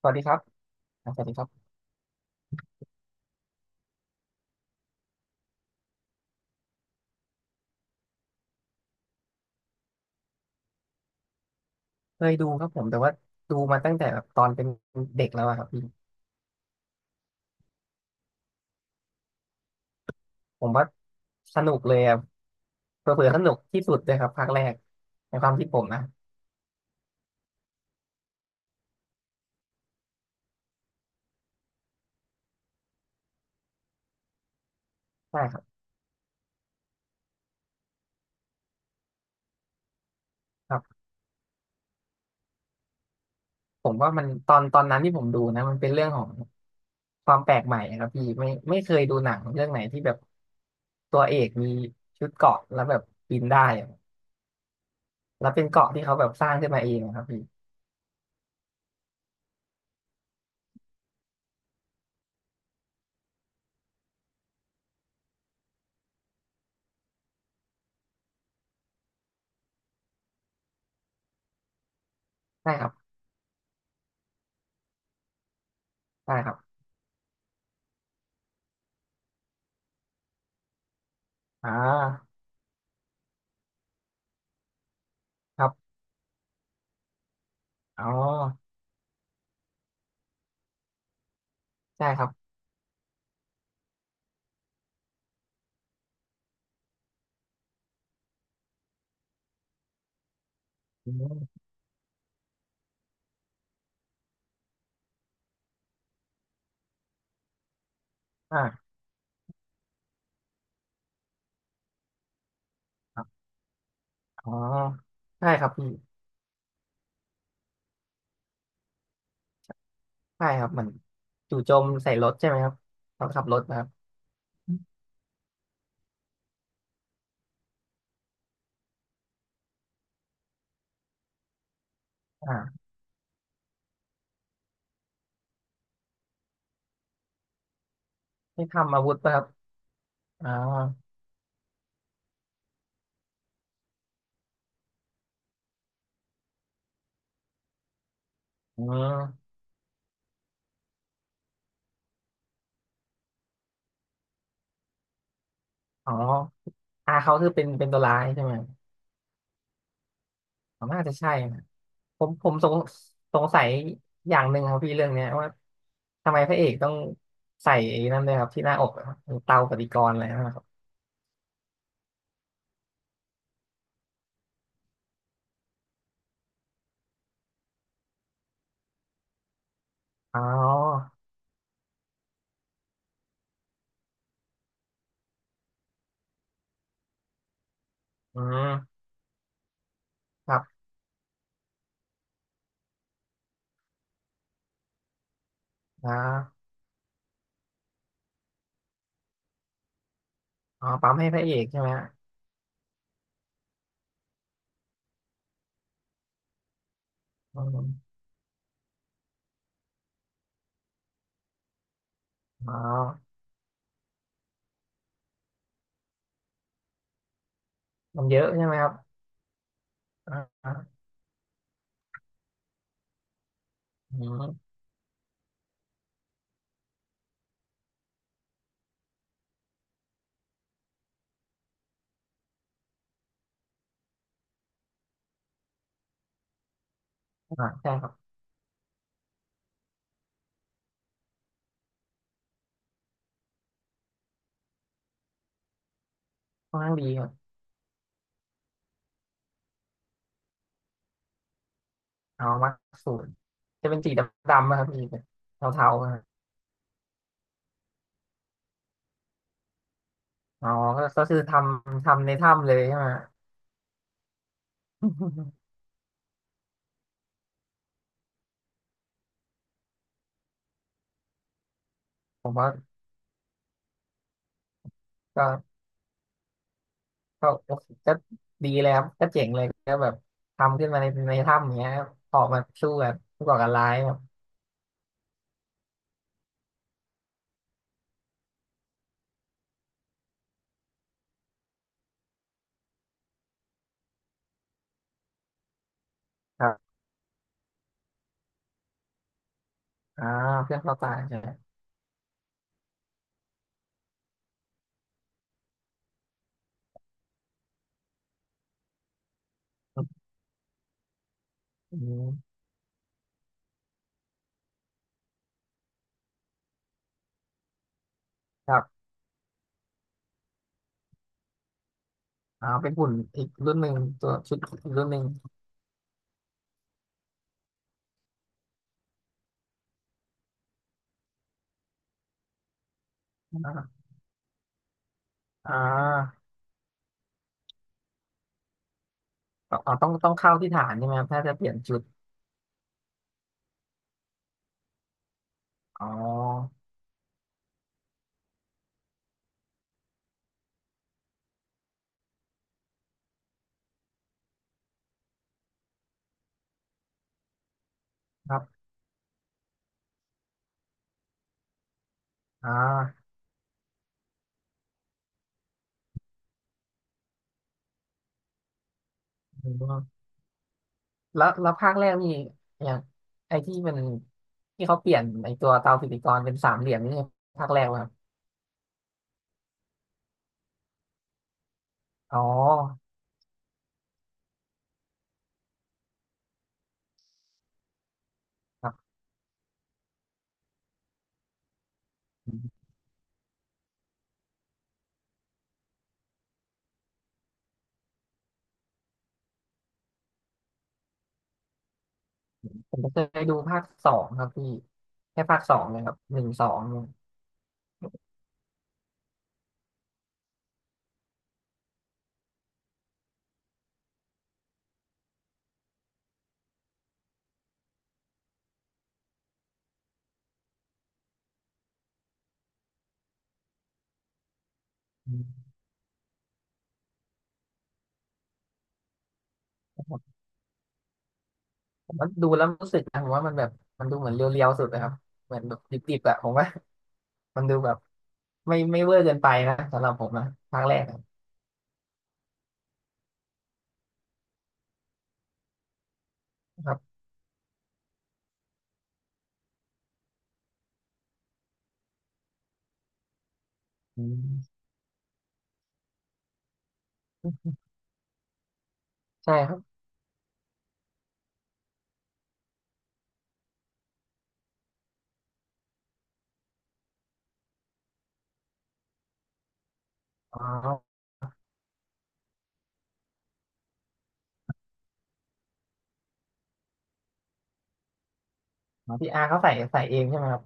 สวัสดีครับอ่าสวัสดีครับเคยดูครับผมแต่ว่าดูมาตั้งแต่แบบตอนเป็นเด็กแล้วอะครับพี่ผมว่าสนุกเลยอะเผลอๆสนุกที่สุดเลยครับภาคแรกในความคิดผมนะใช่ครับครับผมว่ามันตอนนั้นที่ผมดูนะมันเป็นเรื่องของความแปลกใหม่อะครับพี่ไม่เคยดูหนังเรื่องไหนที่แบบตัวเอกมีชุดเกราะแล้วแบบบินได้อะแล้วเป็นเกราะที่เขาแบบสร้างขึ้นมาเองอะครับพี่ใช่ครับใช่ครับอ่าครับอ๋อใช่ครับอืมอ่า อ๋อใช่ครับพี่ใช่ครับเหมือนจู่โจมใส่รถใช่ไหมครับตอนขับรถนะครับอ่าไม่ทำอาวุธนะครับอ๋ออืมอ๋ออาเขาคือเป็นตัวร้ายใช่ไหมผมน่าจะใช่นะผมสงสงสัยอย่างหนึ่งครับพี่เรื่องเนี้ยว่าทำไมพระเอกต้องใส่ไอ้นั่นด้วยครับที่หน้าอกอะครับเตาปฏิกรณ์อะไรนนนะครับอ๋ออืมครับอ๋ออ๋อปั๊มให้พระเอกใช่ไหมฮะอืมอ๋อมันเยอะใช่ไหมครับ อ่าอ่าอืมอ่าใช่ครับค่อนข้างดีครับเอามาสูตรจะเป็นสีดำๆนะครับพี่เทาๆอะครับอ๋อก็คือทำในถ้ำเลยใช่ไหม ผมว่าก็ก็โอเคก็ดีเลยครับก็เจ๋งเลยก็แบบทำขึ้นมาในถ้ำอย่างเงี้ยครับออกมาสู้แบบผู้ก่อการร้ายครับครับอ่าเพื่อนเขาตายใช่ไหมอืมครับอ่าเป็นหุ่นอีกรุ่นหนึ่งตัวชุดอีกรุ่นหนึ่งอ่าอ่าอ๋อต้องเข้าที่ฐานใช่ไหมครับถ้าจะเปลี่ยนชุด อ๋อครับอ่าอืมแล้วแล้วภาคแรกนี่อย่างไอ้ที่มันที่เขาเปลี่ยนไอ้ตัวเตาปฏิกรณ์เป็นสามเหลี่ยมนี่ภาคแรกป่ะครับอ๋อครับอืมผมก็เคยดูภาคสองครับพี่แค่ภาคสองเลยครับหนึ่งสองเนี่ยอืมผมว่าดูแล้วรู้สึกนะผมว่ามันแบบมันดูเหมือนเรียวๆสุดนยครับเหมือนแบบดิบๆอะผมว่ามันดูแบบไม่เวอร์เกินไปนะสำหรับผมนะภาคแรกอะครับอืมใช่ครับอ๋อ อ๋อพี่อาร์เขาใส่เองใช่ไหมครับ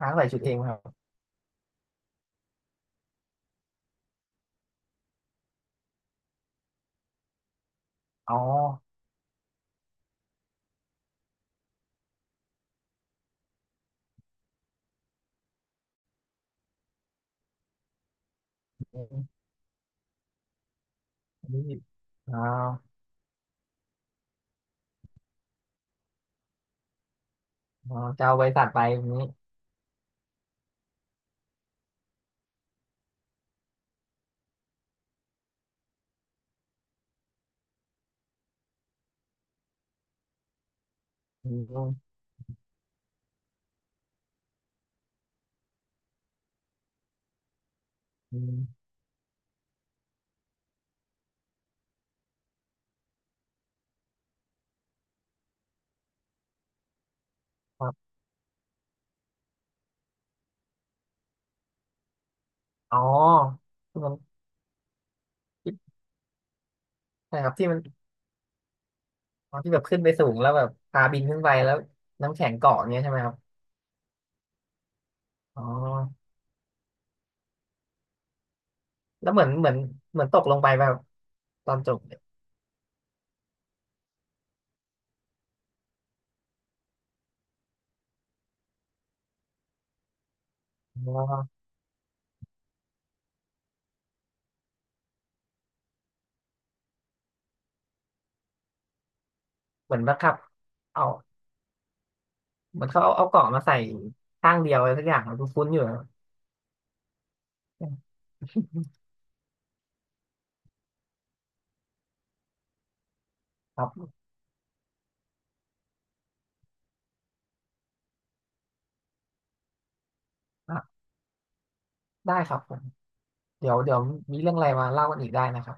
อาร์เขาใส่ชุดเองไหมครับอ๋ออันนี้อ๋ออ๋อจะเอาบริษัทไปอย่างนี้อืมอืมครับอ๋อที่มันที่ใช่ครับที่มันอ๋อที่แบบขึ้นไปสูงแล้วแบบพาบินขึ้นไปแล้วน้ำแข็งเกาะอย่างเงี้ยใช่ไหมครับอ๋อแล้วเหมือนเหมือนเหมือนตกลงไปแบบตอนจบเนี่ยอ๋อเหมือนบังคับเอาเหมือนเขาเอาเอาเกาะมาใส่ข้างเดียวอะไรสักอย่างคุ้นๆอยู่นะครับครับอ่ะได้ครับ เดี๋ยวเดี๋ยวมีเรื่องอะไรมาเล่ากันอีกได้นะครับ